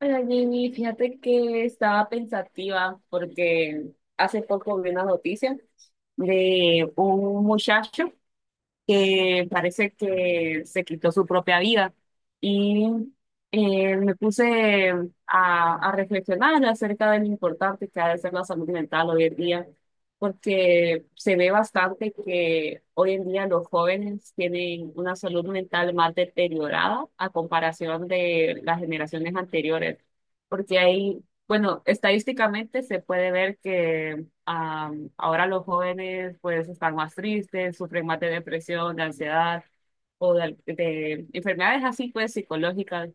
Hola, Jamie, fíjate que estaba pensativa porque hace poco vi una noticia de un muchacho que parece que se quitó su propia vida. Y me puse a reflexionar acerca de lo importante que ha de ser la salud mental hoy en día, porque se ve bastante que hoy en día los jóvenes tienen una salud mental más deteriorada a comparación de las generaciones anteriores, porque hay, bueno, estadísticamente se puede ver que ahora los jóvenes pues están más tristes, sufren más de depresión, de ansiedad o de enfermedades así pues psicológicas.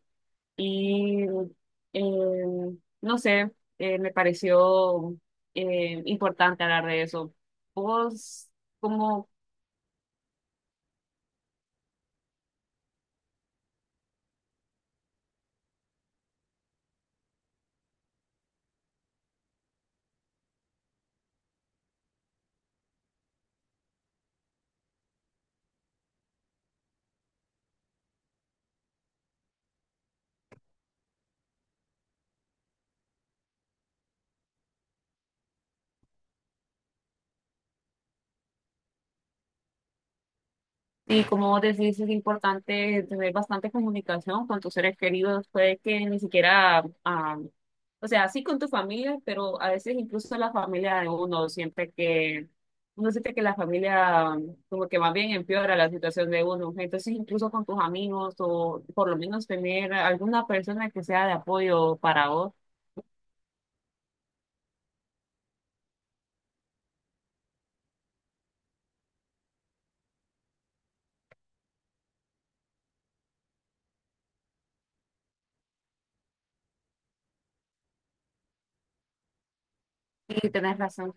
Y no sé, me pareció importante hablar de eso. ¿Vos cómo, Y como vos decís, es importante tener bastante comunicación con tus seres queridos. Puede que ni siquiera, o sea, sí con tu familia, pero a veces incluso la familia de uno siente que la familia como que más bien empeora la situación de uno. Entonces, incluso con tus amigos o por lo menos tener alguna persona que sea de apoyo para vos. Y tenés razón,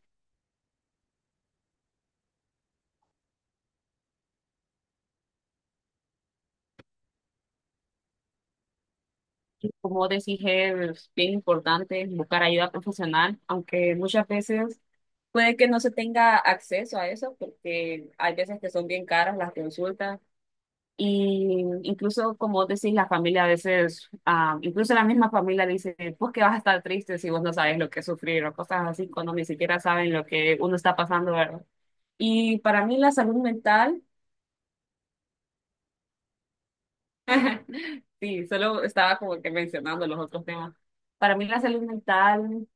como vos decís, es bien importante buscar ayuda profesional, aunque muchas veces puede que no se tenga acceso a eso porque hay veces que son bien caras las consultas y incluso como vos decís la familia a veces, incluso la misma familia dice, pues que vas a estar triste si vos no sabes lo que es sufrir o cosas así cuando ni siquiera saben lo que uno está pasando, ¿verdad? Y para mí la salud mental, sí, solo estaba como que mencionando los otros temas. Para mí la salud mental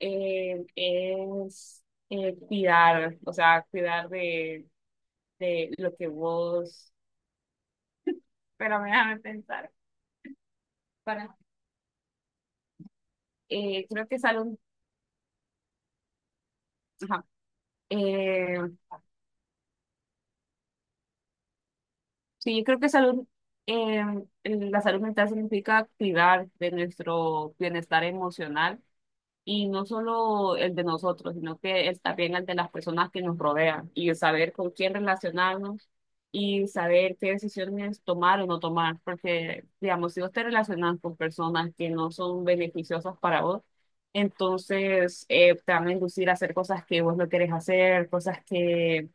es cuidar, o sea, cuidar de lo que vos, pero déjame pensar. Para, creo que salud, ajá, eh, sí, yo creo que salud, eh, la salud mental significa activar de nuestro bienestar emocional. Y no solo el de nosotros, sino que es también el de las personas que nos rodean y saber con quién relacionarnos y saber qué decisiones tomar o no tomar. Porque, digamos, si vos te relacionas con personas que no son beneficiosas para vos, entonces te van a inducir a hacer cosas que vos no querés hacer, cosas que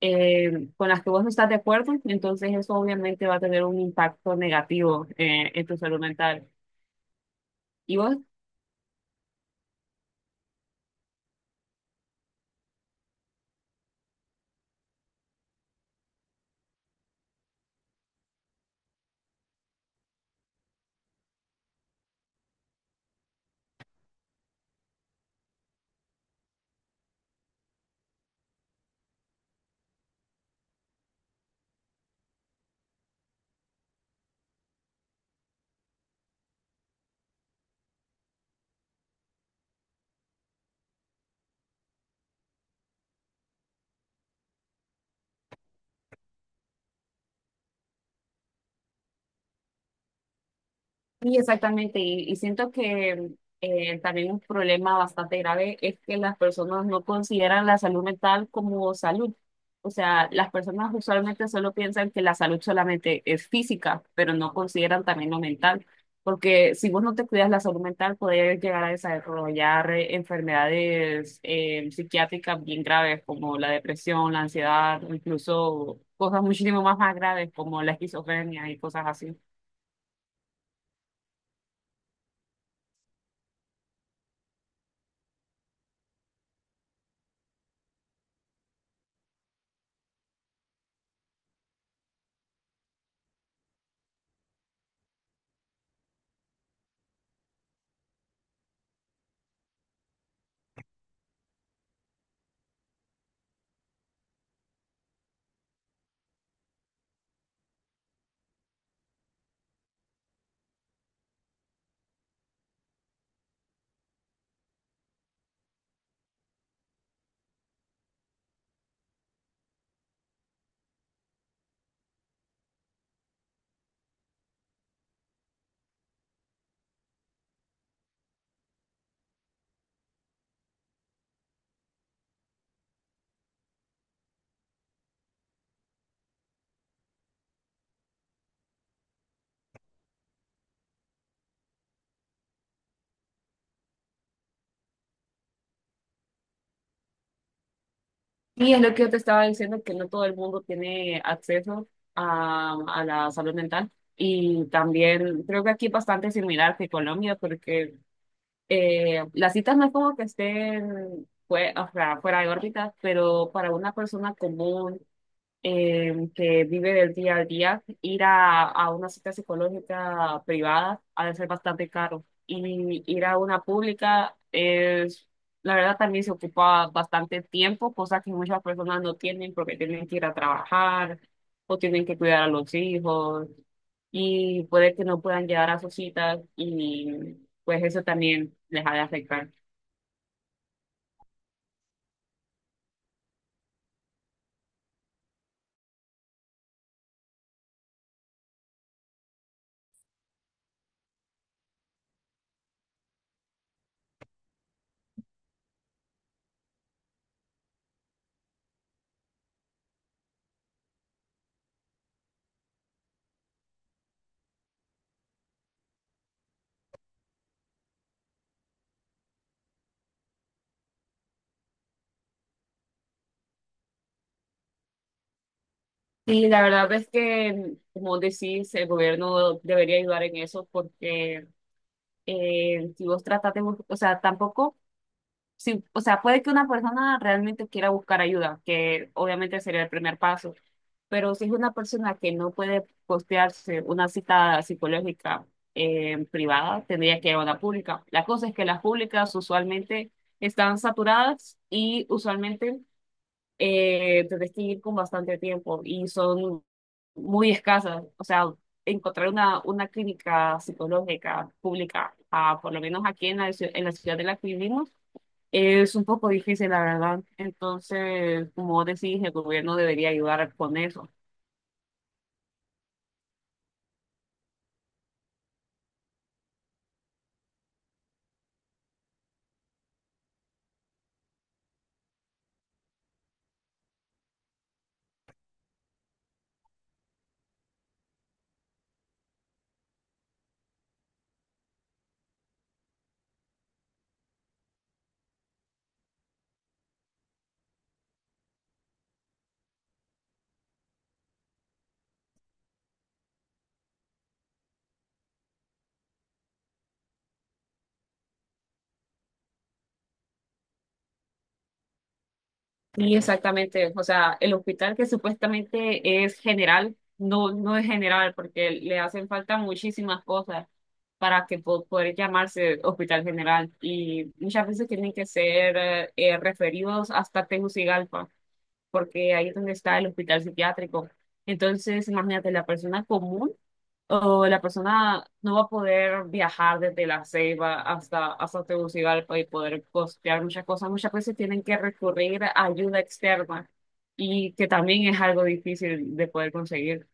con las que vos no estás de acuerdo. Entonces eso obviamente va a tener un impacto negativo en tu salud mental. ¿Y vos Sí, exactamente, y siento que también un problema bastante grave es que las personas no consideran la salud mental como salud. O sea, las personas usualmente solo piensan que la salud solamente es física, pero no consideran también lo mental, porque si vos no te cuidas la salud mental, puedes llegar a desarrollar enfermedades psiquiátricas bien graves como la depresión, la ansiedad, incluso cosas muchísimo más graves como la esquizofrenia y cosas así. Sí, es lo que yo te estaba diciendo, que no todo el mundo tiene acceso a la salud mental. Y también creo que aquí es bastante similar que Colombia, porque las citas no es como que estén fue, o sea, fuera de órbita, pero para una persona común que vive del día al día, ir a una cita psicológica privada ha de ser bastante caro. Y ir a una pública es, la verdad, también se ocupa bastante tiempo, cosa que muchas personas no tienen porque tienen que ir a trabajar o tienen que cuidar a los hijos y puede que no puedan llegar a sus citas y pues eso también les ha de afectar. Y la verdad es que, como decís, el gobierno debería ayudar en eso porque si vos tratas de buscar, o sea, tampoco, si, o sea, puede que una persona realmente quiera buscar ayuda, que obviamente sería el primer paso, pero si es una persona que no puede costearse una cita psicológica privada, tendría que ir a una pública. La cosa es que las públicas usualmente están saturadas y usualmente tenés que ir con bastante tiempo y son muy escasas. O sea, encontrar una clínica psicológica pública, por lo menos aquí en la, ciu- en la ciudad de la que vivimos, es un poco difícil, la verdad. Entonces, como vos decís, el gobierno debería ayudar con eso. Y exactamente, o sea, el hospital que supuestamente es general, no, no es general porque le hacen falta muchísimas cosas para que po- poder llamarse hospital general y muchas veces tienen que ser referidos hasta Tegucigalpa porque ahí es donde está el hospital psiquiátrico. Entonces, imagínate, la persona común o la persona no va a poder viajar desde La Ceiba hasta, hasta Tegucigalpa y poder costear muchas cosas. Muchas veces tienen que recurrir a ayuda externa y que también es algo difícil de poder conseguir.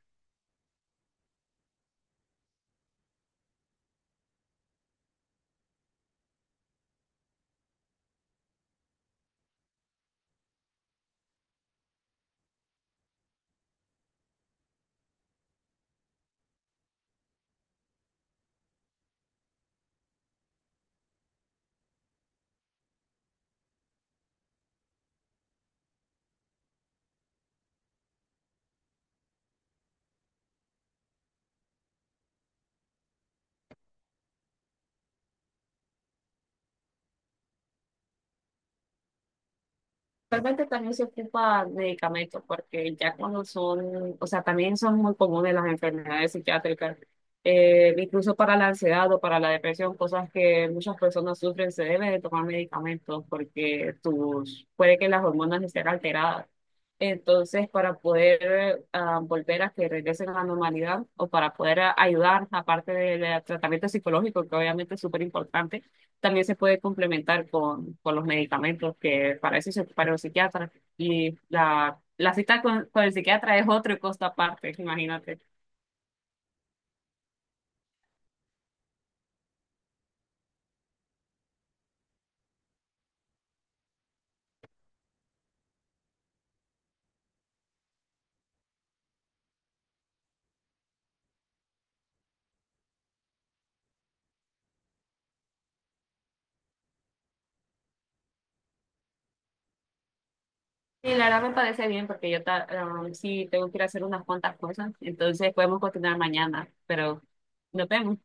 Realmente también se ocupa de medicamentos porque ya cuando son, o sea, también son muy comunes las enfermedades psiquiátricas, incluso para la ansiedad o para la depresión, cosas que muchas personas sufren, se debe de tomar medicamentos porque tus, puede que las hormonas estén alteradas. Entonces, para poder volver a que regresen a la normalidad o para poder ayudar, aparte del tratamiento psicológico, que obviamente es súper importante, también se puede complementar con los medicamentos, que para eso se prepara el psiquiatra. Y la cita con el psiquiatra es otro costo aparte, imagínate. Sí, la verdad me parece bien porque yo ta- sí tengo que ir a hacer unas cuantas cosas, entonces podemos continuar mañana, pero nos vemos.